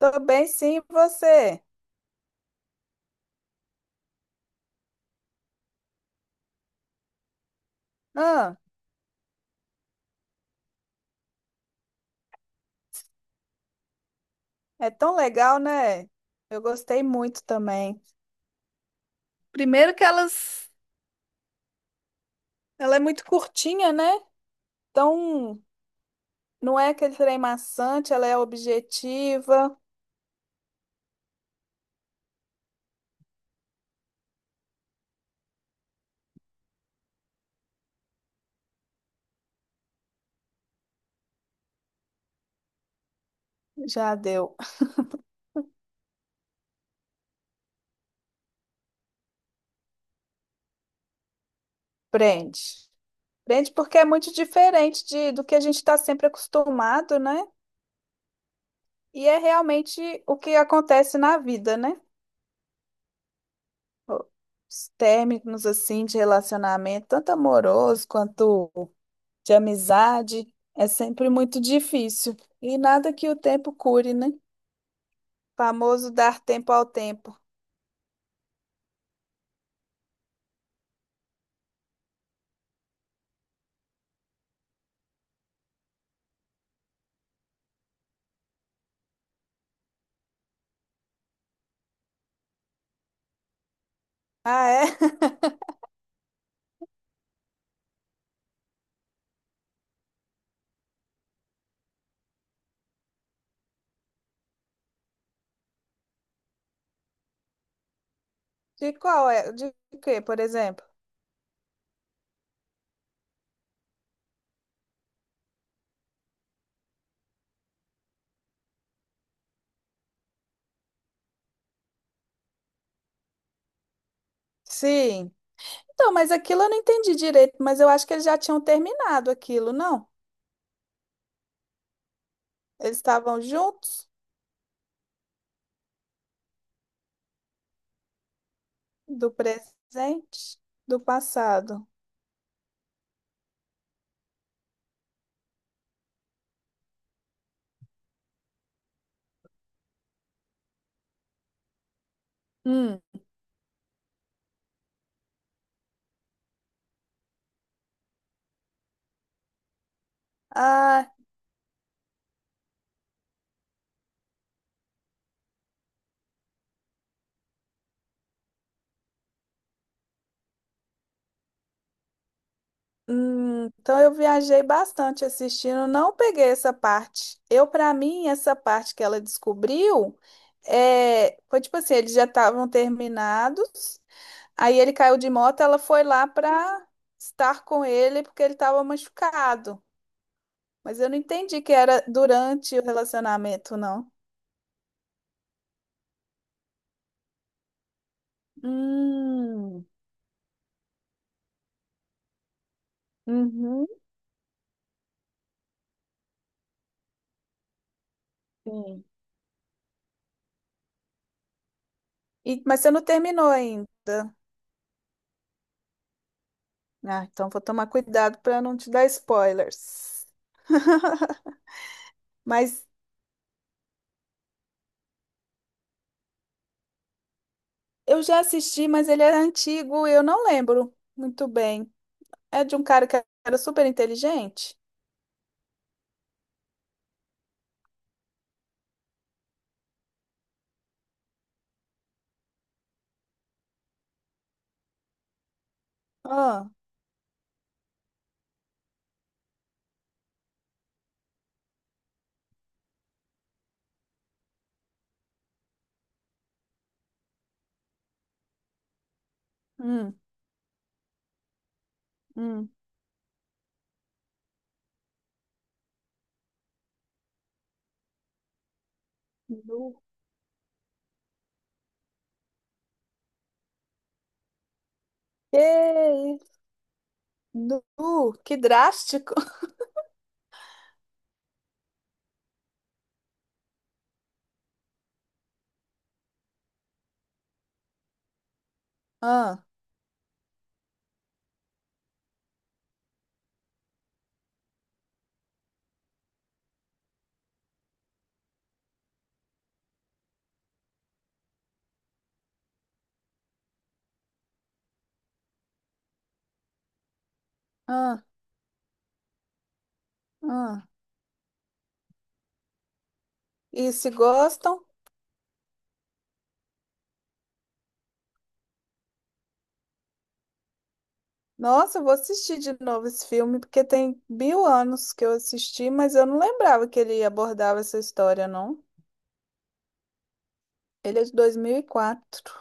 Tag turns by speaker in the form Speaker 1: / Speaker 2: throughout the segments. Speaker 1: Tô bem, sim, e você? Ah, é tão legal, né? Eu gostei muito também. Primeiro que ela é muito curtinha, né? Então, não é aquele trem maçante, ela é objetiva. Já deu. Prende. Prende porque é muito diferente do que a gente está sempre acostumado, né? E é realmente o que acontece na vida, né? Os términos, assim, de relacionamento, tanto amoroso quanto de amizade, é sempre muito difícil. E nada que o tempo cure, né? Famoso dar tempo ao tempo. Ah, é? De qual é? De quê, por exemplo? Sim. Então, mas aquilo eu não entendi direito, mas eu acho que eles já tinham terminado aquilo, não? Eles estavam juntos do presente, do passado. Hum. Ah, então eu viajei bastante assistindo, não peguei essa parte. Eu, para mim, essa parte que ela descobriu, é, foi tipo assim, eles já estavam terminados, aí ele caiu de moto, ela foi lá para estar com ele porque ele estava machucado. Mas eu não entendi que era durante o relacionamento, não. Hum, uhum, sim. Mas você não terminou ainda. Ah, então vou tomar cuidado para não te dar spoilers. Mas eu já assisti, mas ele era antigo e eu não lembro muito bem. É de um cara que era super inteligente? Ah, hum, hum. Nu. Que isso? Nu, que drástico. Ah, ah, ah. E se gostam? Nossa, eu vou assistir de novo esse filme, porque tem mil anos que eu assisti, mas eu não lembrava que ele abordava essa história, não. Ele é de 2004.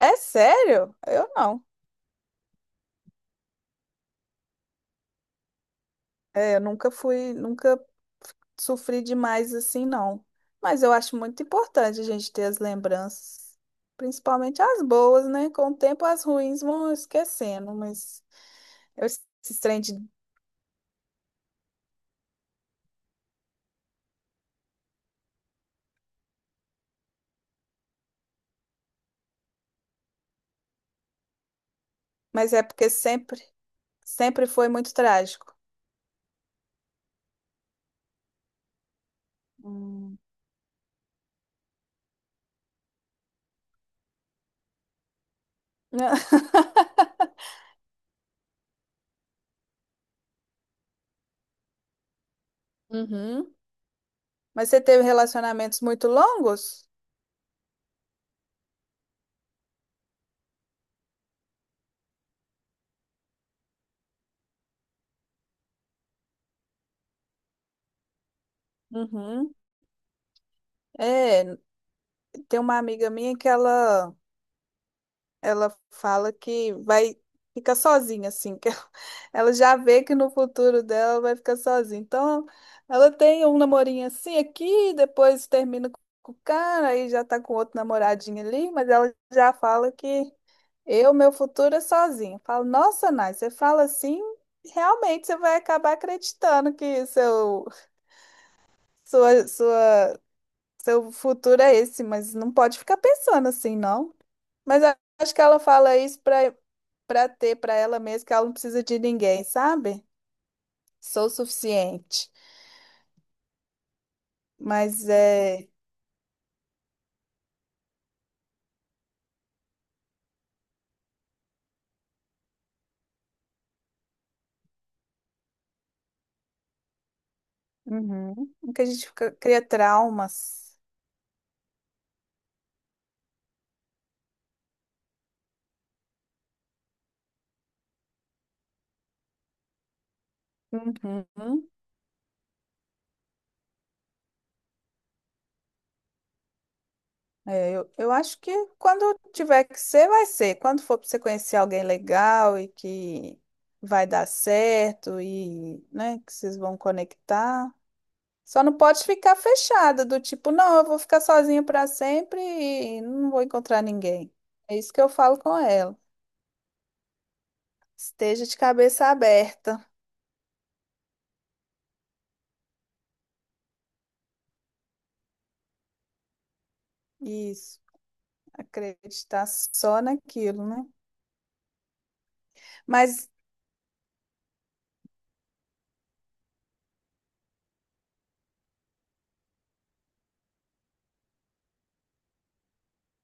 Speaker 1: É sério? Eu não. É, eu nunca fui, nunca sofri demais assim, não. Mas eu acho muito importante a gente ter as lembranças, principalmente as boas, né? Com o tempo as ruins vão esquecendo, mas eu esses trem de... Mas é porque sempre foi muito trágico. Hum. Uhum. Mas você teve relacionamentos muito longos? Uhum. É, tem uma amiga minha que ela fala que vai ficar sozinha, assim, que ela ela já vê que no futuro dela vai ficar sozinha. Então, ela tem um namorinho assim aqui, depois termina com o cara, aí já tá com outro namoradinho ali, mas ela já fala que eu, meu futuro é sozinha. Fala, nossa, Nai, você fala assim, realmente você vai acabar acreditando que sua, sua, seu futuro é esse, mas não pode ficar pensando assim, não. Mas acho que ela fala isso para ter para ela mesma que ela não precisa de ninguém, sabe? Sou o suficiente. Mas é. Uhum. Que a gente cria traumas. Uhum. É, eu acho que quando tiver que ser, vai ser. Quando for para você conhecer alguém legal e que vai dar certo e, né, que vocês vão conectar. Só não pode ficar fechada, do tipo, não, eu vou ficar sozinha para sempre e não vou encontrar ninguém. É isso que eu falo com ela. Esteja de cabeça aberta. Isso. Acreditar só naquilo, né? Mas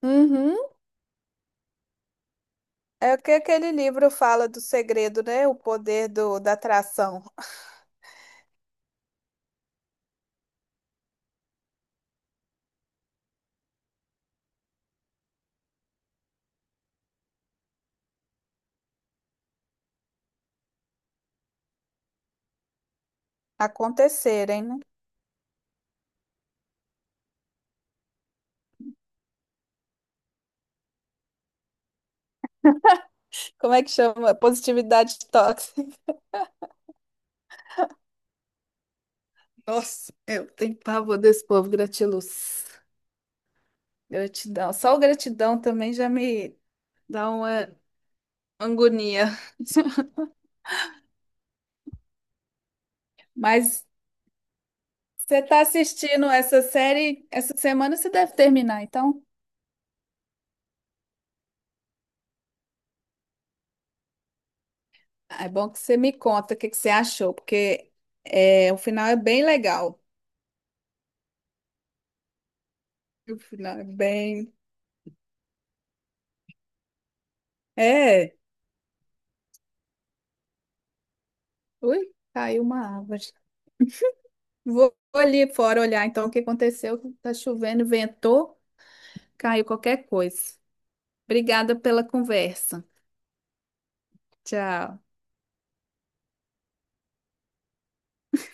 Speaker 1: uhum, é o que aquele livro fala do segredo, né? O poder da atração acontecerem, né? Como é que chama? Positividade tóxica. Nossa, eu tenho pavor desse povo, gratiluz. Gratidão. Só o gratidão também já me dá uma agonia. Mas você está assistindo essa série, essa semana você deve terminar, então. Ah, é bom que você me conta o que que você achou, porque é, o final é bem legal. O final é bem. É. Ui, caiu uma árvore. Vou ali fora olhar então o que aconteceu. Tá chovendo, ventou, caiu qualquer coisa. Obrigada pela conversa. Tchau.